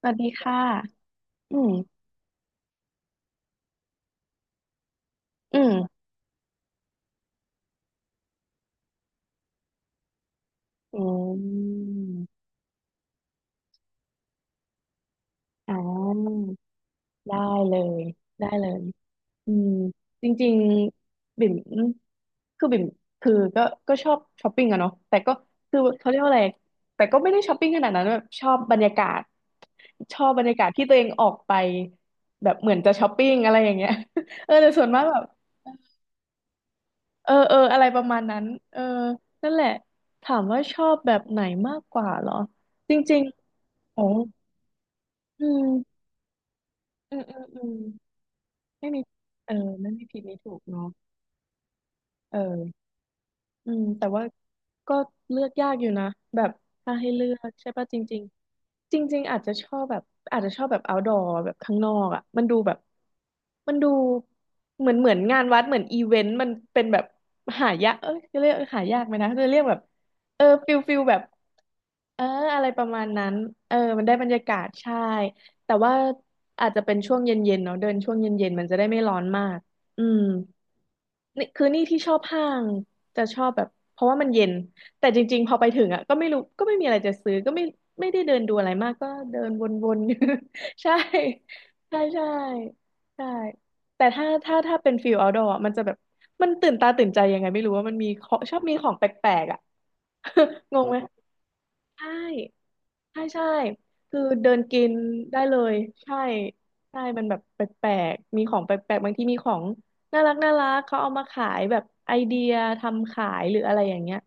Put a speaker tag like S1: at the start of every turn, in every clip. S1: สวัสดีค่ะอืมอืมอืมอ่าได้เลย ได้เลยอืมจริงๆบิ่มคือบิ่มคือก็ก็ชอบช้อปปิ้งอะเนาะแต่ก็คือเขาเรียกว่าอะไรแต่ก็ไม่ได้ช้อปปิ้งขนาดนั้นแบบชอบบรรยากาศ ชอบบรรยากาศที่ตัวเองออกไป แบบเหมือนจะช้อปปิ้งอะไรอย่างเงี้ย เออแต่ส่วนมากแบบเออเอออะไรประมาณนั้นเออนั่นแหละ ถามว่าชอบแบบไหนมากกว่าเหรอ จริงๆโอ้ อืมอืม อืมอืมไม่มีเออไม่มีผิดมีถูกเนาะเออ อืมแต่ว่าก็เลือกยากอยู่นะแบบถ้าให้เลือกใช่ป่ะจริงๆจริงๆอาจจะชอบแบบอาจจะชอบแบบ outdoor แบบข้างนอกอ่ะมันดูแบบมันดูเหมือนเหมือนงานวัดเหมือนอีเวนต์มันเป็นแบบหายากเอ้ยจะเรียกหายากไหมนะจะเรียกแบบเออฟิลฟิลแบบเอออะไรประมาณนั้นเออมันได้บรรยากาศใช่แต่ว่าอาจจะเป็นช่วงเย็นๆเนาะเดินช่วงเย็นๆมันจะได้ไม่ร้อนมากอืม นี่คือนี่ที่ชอบห้างจะชอบแบบเพราะว่ามันเย็นแต่จริงๆพอไปถึงอ่ะก็ไม่รู้ก็ไม่มีอะไรจะซื้อก็ไม่ไม่ได้เดินดูอะไรมากก็เดินวนๆ อยู่ใช่ใช่ใช่ใช่แต่ถ้าเป็นฟิล์อาท์ดอร์มันจะแบบมันตื่นตาตื่นใจยังไงไม่รู้ว่ามันมีของชอบมีของแปลกๆอ่ะ งงไหม ใช่ใช่ใช่คือเดินกินได้เลย ใช่ใช่มันแบบแปลกๆมีของแปลกๆบางทีมีของน่ารักน่ารักเขาเอามาขายแบบไอเดียทำขายหรืออะไรอย่างเงี้ย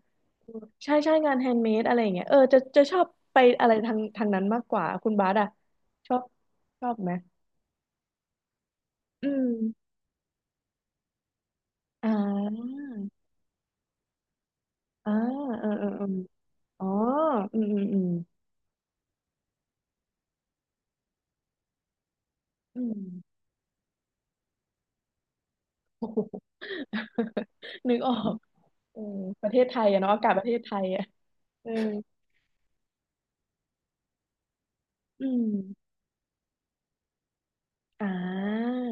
S1: ใช่ใช่งานแฮนด์เมดอะไรอย่างเงี้ยเออจะจะชอบไปอะไรทางทางนั้นมากกว่าคุณบาสอะชอบชอบไหมอืมอ่าอ่าเออเออเอออ๋ออืมอืมอืม อืม นึกออก เออประเทศไทยอะเนาะอากาศประเทศไทยอะเอออืมอ่า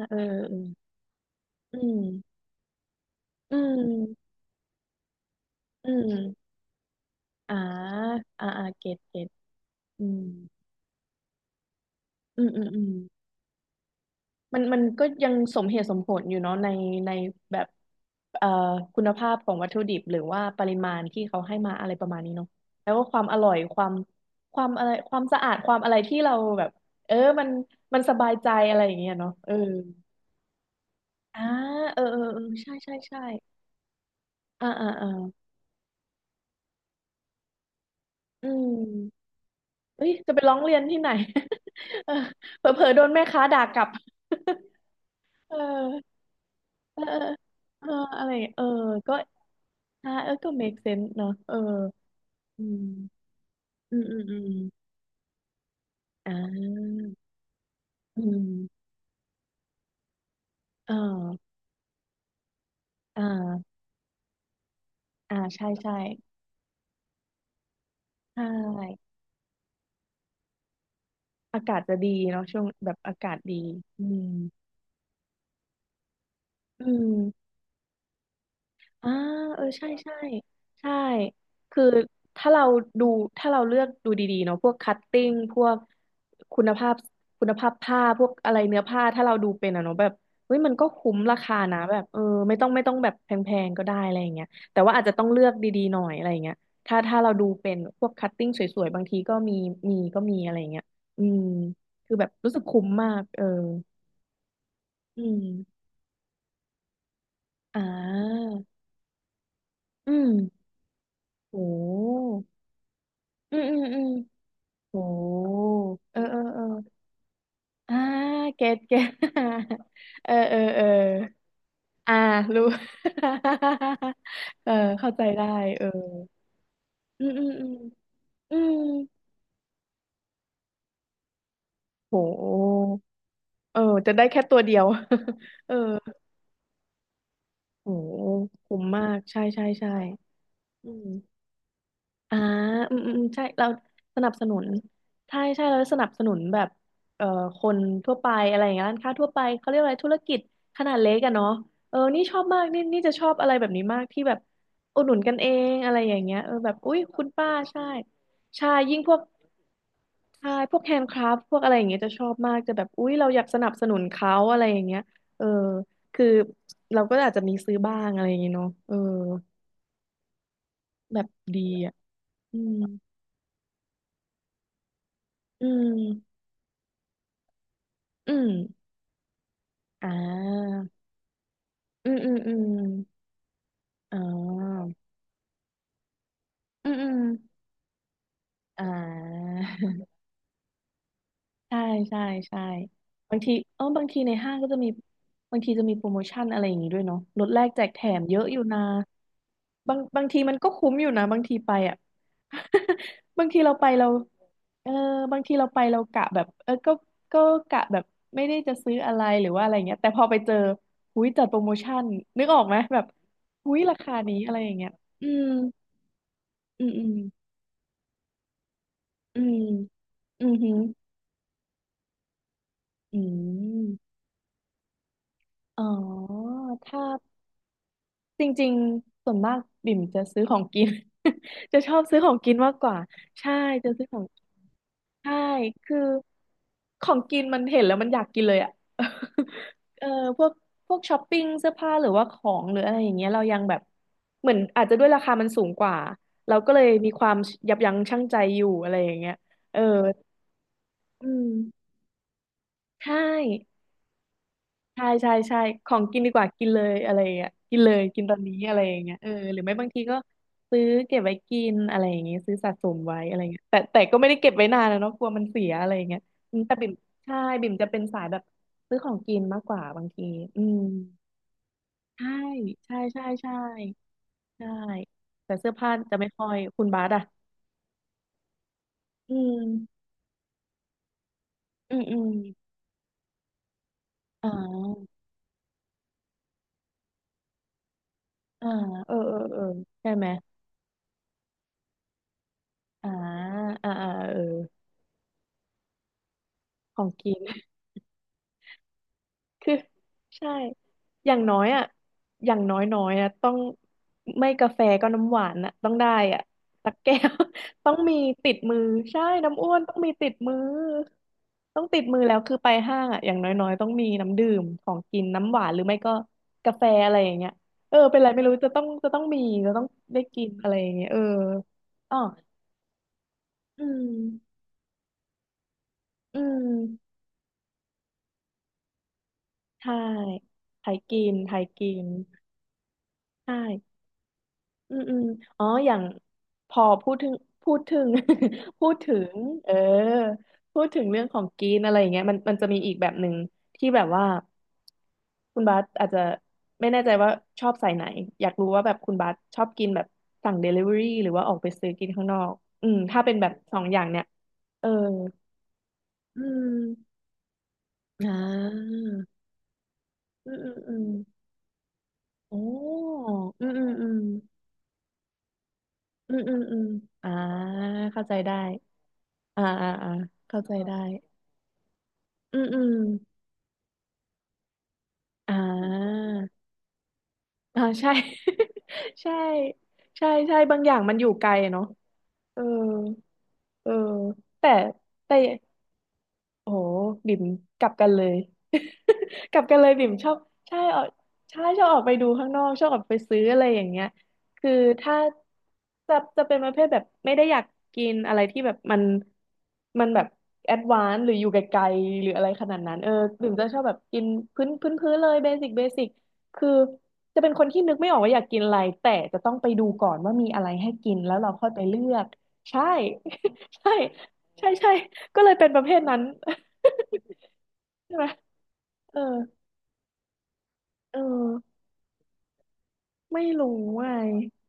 S1: เออเอออืมอืมอืมอ่าอ่าอ่าเก็ตเก็ตอืมอืมอืมอืมมันมันก็ยังสมเหตุสมผลอยู่เนาะในในแบบเอ่อคุณภาพของวัตถุดิบหรือว่าปริมาณที่เขาให้มาอะไรประมาณนี้เนาะแล้วก็ความอร่อยความความอะไรความสะอาด ความอะไรที่เราแบบเออมันมันสบายใจอะไรอย่างเงี้ยเนาะเอออ่าเออเออเออใช่ใช่ใช่ อ่าอ่าอ่าอืมเอ้ยจะไปร้องเรียนที่ไหน เออเผลอๆโดนแม่ค้าด่ากลับ เออเออเออเอออะไรอย่างเงี้ยเออก็อ่าเออก็ make sense เนอะเอออืมอืมอืมอืมอ่าอืมเอออ่าอ่าใช่ใช่ใช่อากาศจะดีเนาะช่วงแบบอากาศดีอืมอืม อ่าเออใช่ใช่ใช่คือถ้าเราดูถ้าเราเลือกดูดีๆเนาะพวกคัตติ้งพวกคุณภาพคุณภาพผ้าพวกอะไรเนื้อผ้าถ้าเราดูเป็นอะเนาะแบบเฮ้ยมันก็คุ้มราคานะแบบเออไม่ต้องไม่ต้องแบบแพงๆก็ได้อะไรอย่างเงี้ยแต่ว่าอาจจะต้องเลือกดีๆหน่อยอะไรอย่างเงี้ยถ้าเราดูเป็นพวกคัตติ้งสวยๆบางทีก็มีมีก็มีอะไรอย่างเงี้ยอืมคือแบบรู้สึกคุ้มมากเอออืมอ่าอืมโหอืมอืมอืม โอ้เออเออเอออ่าเก็ตเก็ต เออเออเอออ่ารู้ เออ เข้าใจได้เอออืมอืมอืมอืมโหเออ จะได้แค่ตัวเดียว เออโหคุ้มมาก ใช่ใช่ใช่อืม อ่าอืมอืมอืมใช่เราสนับสนุนใช่ใช่เราสนับสนุนแบบเอ่อคนทั่วไปอะไรอย่างเงี้ยร้านค้าทั่วไปเขาเรียกอะไรธุรกิจขนาดเล็กอะเนาะเออนี่ชอบมากนี่นี่จะชอบอะไรแบบนี้มากที่แบบอุดหนุนกันเองอะไรอย่างเงี้ยเออแบบ อุ้ยคุณป้าใช่ ใช่ ยิ่งพวกใช่พวกแฮนด์คราฟพวกอะไรอย่างเงี้ยจะชอบมากจะแบบอุ๊ยเราอยากสนับสนุนเขาอะไรอย่างเงี้ยเออคือเราก็อาจจะมีซื้อบ้างอะไรอย่างเงี้ยเนาะเออแบบดีอ่ะอืมอืม อืม อ่าอืมอืม อืมอ๋ออืม อืม อ่า ใช่ใช่ใช่บางทีเออบางทีในห้างก็จะมี บางทีจะมีโปรโมชั่นอะไรอย่างงี้ด้วยเนาะลดแลกแจกแถมเยอะอยู่นะ บางบางทีมันก็คุ้มอยู่นะบางทีไปอ่ะ บางทีเราไปเราเออบางทีเราไปเรากะแบบเออก็กะแบบไม่ได้จะซื้ออะไรหรือว่าอะไรเงี้ยแต่พอไปเจอหุ้ยจัดโปรโมชั่นนึกออกไหมแบบหุ้ยราคานี้อะไรอย่างเงี้ยอืมอืมอืมอืมอืมหืมอืมอ๋อถ้าจริงๆส่วนมากบิ่มจะซื้อของกิน จะชอบซื้อของกินมากกว่าใช่จะซื้อของ ใช่ คือของกินมันเห็นแล้วมันอยากกินเลยอ่ะ เออพวกพวกช้อปปิ้งเสื้อผ้าหรือว่าของหรืออะไรอย่างเงี้ยเรายังแบบเหมือนอาจจะด้วยราคามันสูงกว่าเราก็เลยมีความยับยั้งชั่งใจอยู่อะไรอย่างเงี้ยเอออืมใช่ ใช่ใช่ใช่ของกินดีกว่ากินเลยอะไรอย่างเงี้ยกินเลยกินตอนนี้อะไรอย่างเงี้ยเออหรือไม่บางทีก็ซื้อเก็บไว้กินอะไรอย่างเงี้ยซื้อสะสมไว้อะไรเงี้ยแต่ก็ไม่ได้เก็บไว้นานนะเนาะกลัวมันเสียอะไรอย่างเงี้ยอืมแต่บิ่มใช่บิ่มจะเป็นสายแบบซื้อของกินมากกว่าบางทีอืมใช่ใช่ใช่ใช่ใช่แต่เสื้อผ้าจะไม่ค่อยคุณบาสอ่ะอืมอืมอืมอ่าอ่าเออเออเออใช่ไหมอ่าอ่าอ่าเออของกิน คือใช่อย่างน้อยอ่ะอย่างน้อยน้อยอ่ะต้องไม่กาแฟก็น้ำหวานอ่ะต้องได้อ่ะสักแก้ว ต้องมีติดมือใช่น้ำอ้วนต้องมีติดมือต้องติดมือแล้วคือไปห้างอ่ะอย่างน้อยน้อยต้องมีน้ำดื่มของกินน้ำหวานหรือไม่ก็กาแฟอะไรอย่างเงี้ยเออเป็นไรไม่รู้จะต้องมีจะต้องได้กินอะไรอย่างเงี้ยเอออ๋ออืมอืมใช่ไทยกินไทยกินใช่ อืมอืมอ๋ออย่างพอพูดถึง พูดถึงเออพูดถึงเรื่องของกินอะไรอย่างเงี้ยมันมันจะมีอีกแบบหนึ่งที่แบบว่าคุณบาสอาจจะไม่แน่ใจว่าชอบสายไหนอยากรู้ว่าแบบคุณบาสชอบกินแบบสั่งเดลิเวอรี่หรือว่าออกไปซื้อกินข้างนอกอืมถ้าเป็นแบบสองอย่างเนี่ยเอออืมอ่าอืมอืมอืมโอ้อืมอืมอืมอืมอืมอืมอ่าเข้าใจได้ อ่าอ่าอ่าเข้าใจได้ อืมอืม อ่าอ่าใช่ ใช่ใช่ใช่บางอย่างมันอยู่ไกลเนาะเออเออแต่แต่ โอ้โหบิ่มกลับกันเลย กลับกันเลยบิ่มชอบใช่ออกใช่ชอบออกไปดูข้างนอกชอบออกไปซื้ออะไรอย่างเงี้ยคือถ้าจะเป็นประเภทแบบไม่ได้อยากกินอะไรที่แบบมันมันแบบแอดวานซ์หรืออยู่ไกลๆหรืออะไรขนาดนั้นเออบิ่มจะชอบแบบกินพื้นเลยเบสิกเบสิกคือจะเป็นคนที่นึกไม่ออกว่าอยากกินอะไรแต่จะต้องไปดูก่อนว่ามีอะไรให้กินแล้วเราค่อยไปเลือกใช่ ใช่ใช่ใช่ ก็เลยเป็นประเภทนั้น ใช่ไหมเออเออไม่รู้ไง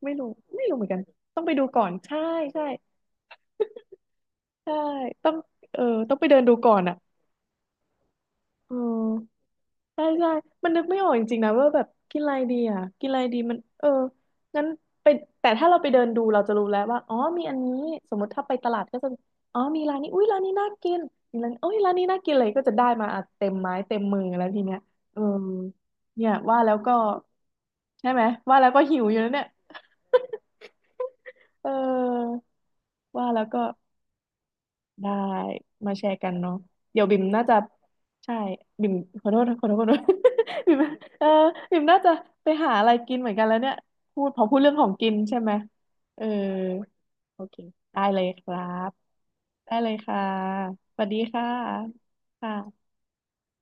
S1: ไม่รู้ไม่รู้เหมือนกันต้องไปดูก่อนใช่ใช่ใช่ต้องเออต้องไปเดินดูก่อนอ่ะเออ ใช่ใช่มันนึกไม่ออกจริงๆนะว่าแบบกินอะไรดีอ่ะกินอะไรดีมันเอองั้นไปแต่ถ้าเราไปเดินดูเราจะรู้แล้วว่าอ๋อมีอันนี้สมมติถ้าไปตลาดก็จะอ๋อมีร้านนี้อุ้ยร้านนี้น่ากินมีร้านอุ้ยร้านนี้น่ากินเลยก็จะได้มาอ่ะเต็มไม้เต็มมือแล้วทีเนี้ยเออเนี่ยว่าแล้วก็ใช่ไหมว่าแล้วก็หิวอยู่แล้วเนี่ย เออว่าแล้วก็ ได้มาแชร์กันเนาะเดี๋ยวบิมน่าจะใช่บิมขอโทษ บิมเออบิมน่าจะไปหาอะไรกินเหมือนกันแล้วเนี่ยพูดพอพูดเรื่องของกินใช่ไหมเออโอเคได้เลยครับได้เลยค่ะสวัสดีค่ะค่ะ